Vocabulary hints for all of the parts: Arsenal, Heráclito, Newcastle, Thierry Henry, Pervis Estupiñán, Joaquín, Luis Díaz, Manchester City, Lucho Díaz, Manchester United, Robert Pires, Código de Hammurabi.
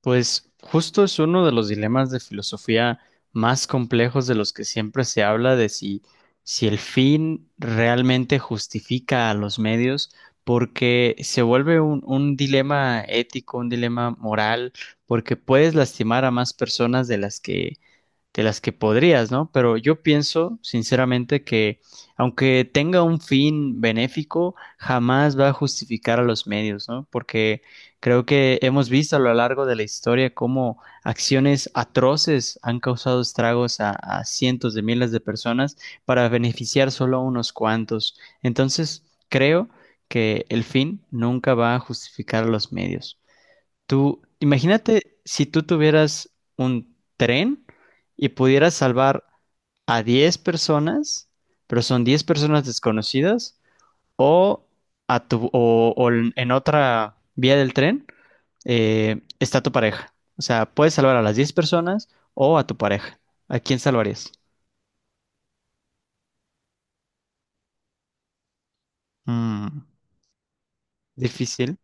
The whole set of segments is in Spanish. Pues justo es uno de los dilemas de filosofía más complejos de los que siempre se habla de si el fin realmente justifica a los medios, porque se vuelve un dilema ético, un dilema moral, porque puedes lastimar a más personas de las que podrías, ¿no? Pero yo pienso, sinceramente, que aunque tenga un fin benéfico, jamás va a justificar a los medios, ¿no? Porque creo que hemos visto a lo largo de la historia cómo acciones atroces han causado estragos a cientos de miles de personas para beneficiar solo a unos cuantos. Entonces, creo que el fin nunca va a justificar a los medios. Tú, imagínate si tú tuvieras un tren y pudieras salvar a 10 personas, pero son 10 personas desconocidas, o, o en otra vía del tren, está tu pareja. O sea, puedes salvar a las 10 personas o a tu pareja. ¿A quién salvarías? Mm, Difícil.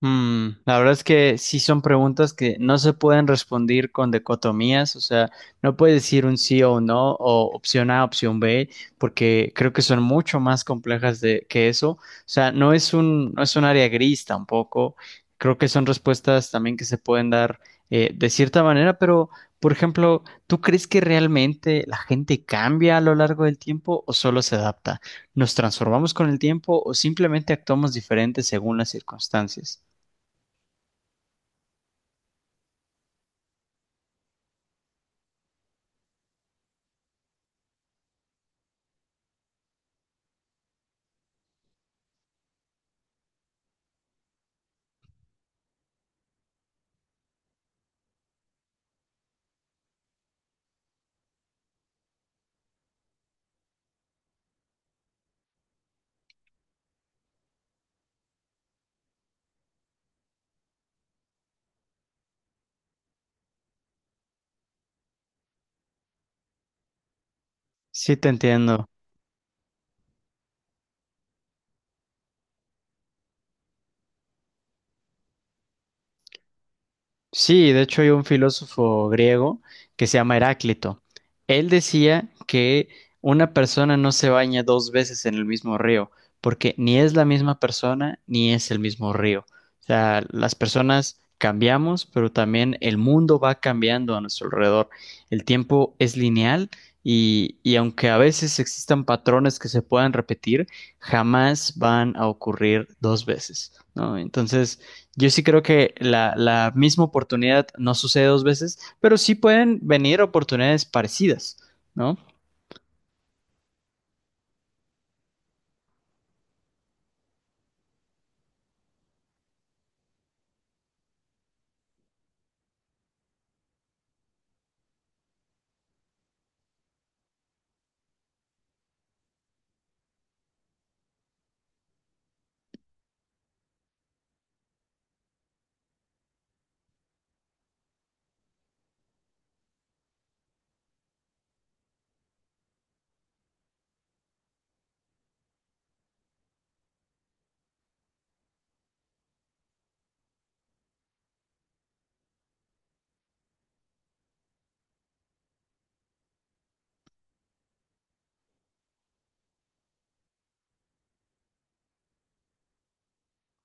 La verdad es que sí son preguntas que no se pueden responder con dicotomías, o sea, no puedes decir un sí o un no, o opción A, opción B, porque creo que son mucho más complejas que eso. O sea, no es un área gris tampoco. Creo que son respuestas también que se pueden dar, de cierta manera, pero, por ejemplo, ¿tú crees que realmente la gente cambia a lo largo del tiempo o solo se adapta? ¿Nos transformamos con el tiempo o simplemente actuamos diferente según las circunstancias? Sí, te entiendo. Sí, de hecho hay un filósofo griego que se llama Heráclito. Él decía que una persona no se baña dos veces en el mismo río, porque ni es la misma persona ni es el mismo río. O sea, las personas cambiamos, pero también el mundo va cambiando a nuestro alrededor. El tiempo es lineal y aunque a veces existan patrones que se puedan repetir, jamás van a ocurrir dos veces, ¿no? Entonces. Yo sí creo que la misma oportunidad no sucede dos veces, pero sí pueden venir oportunidades parecidas, ¿no?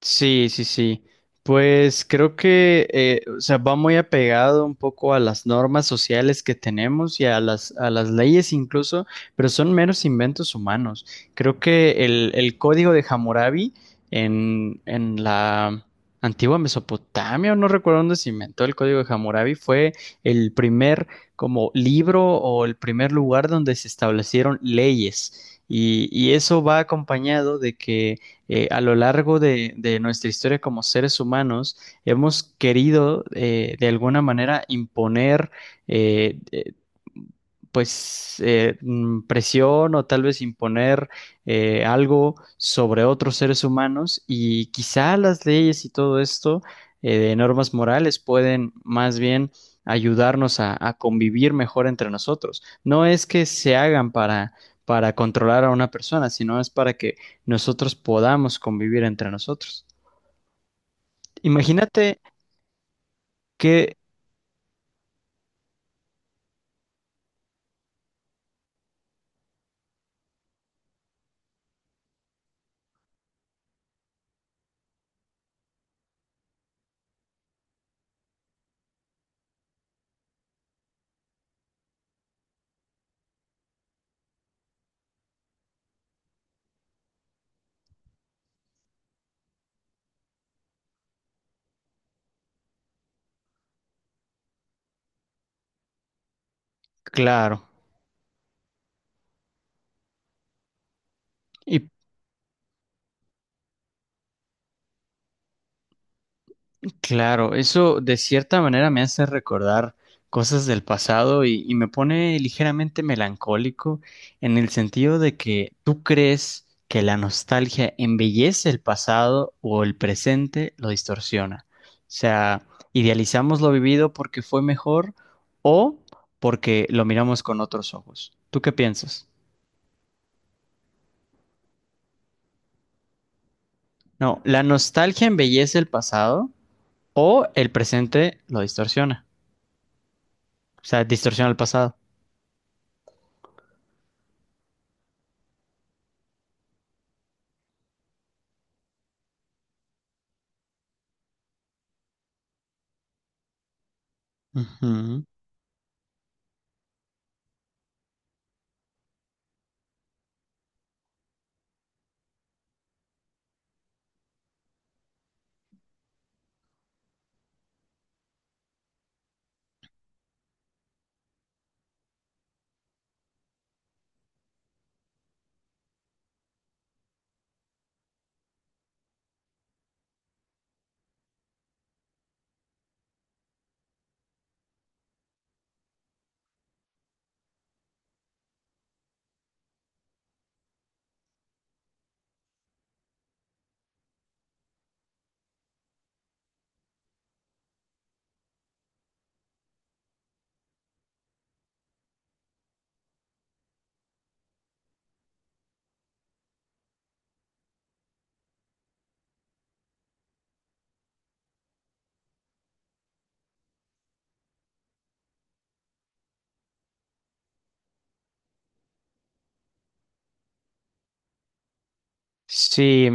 Sí, sí, sí. Pues creo que, o sea, va muy apegado un poco a las normas sociales que tenemos y a las leyes incluso, pero son meros inventos humanos. Creo que el código de Hammurabi en la antigua Mesopotamia, o no recuerdo dónde se inventó el código de Hammurabi, fue el primer como libro o el primer lugar donde se establecieron leyes. Y eso va acompañado de que, a lo largo de nuestra historia como seres humanos hemos querido, de alguna manera imponer eh, eh, pues eh, mm, presión o tal vez imponer, algo sobre otros seres humanos y quizá las leyes y todo esto, de normas morales pueden más bien ayudarnos a convivir mejor entre nosotros. No es que se hagan para controlar a una persona, sino es para que nosotros podamos convivir entre nosotros. Imagínate que, claro, y claro, eso de cierta manera me hace recordar cosas del pasado y me pone ligeramente melancólico en el sentido de que tú crees que la nostalgia embellece el pasado o el presente lo distorsiona. O sea, idealizamos lo vivido porque fue mejor o porque lo miramos con otros ojos. ¿Tú qué piensas? No, la nostalgia embellece el pasado o el presente lo distorsiona. O sea, distorsiona el pasado. Ujú. Sí,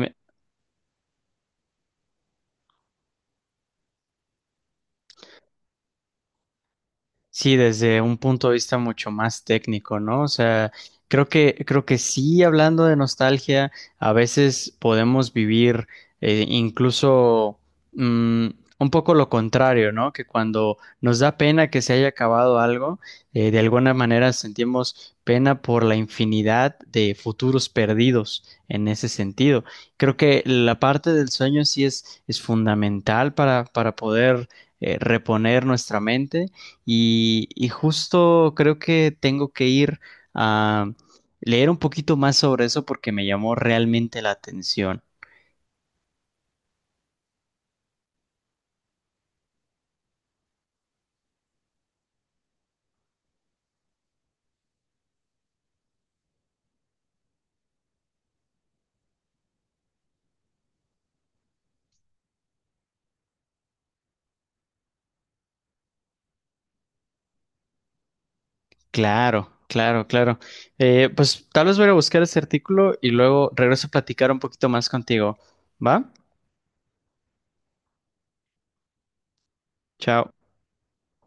sí, desde un punto de vista mucho más técnico, ¿no? O sea, creo que, sí, hablando de nostalgia, a veces podemos vivir, incluso mm, un poco lo contrario, ¿no? Que cuando nos da pena que se haya acabado algo, de alguna manera sentimos pena por la infinidad de futuros perdidos en ese sentido. Creo que la parte del sueño sí es fundamental para poder, reponer nuestra mente y justo creo que tengo que ir a leer un poquito más sobre eso porque me llamó realmente la atención. Claro, claro, claro. Pues tal vez voy a buscar ese artículo y luego regreso a platicar un poquito más contigo. ¿Va? Chao.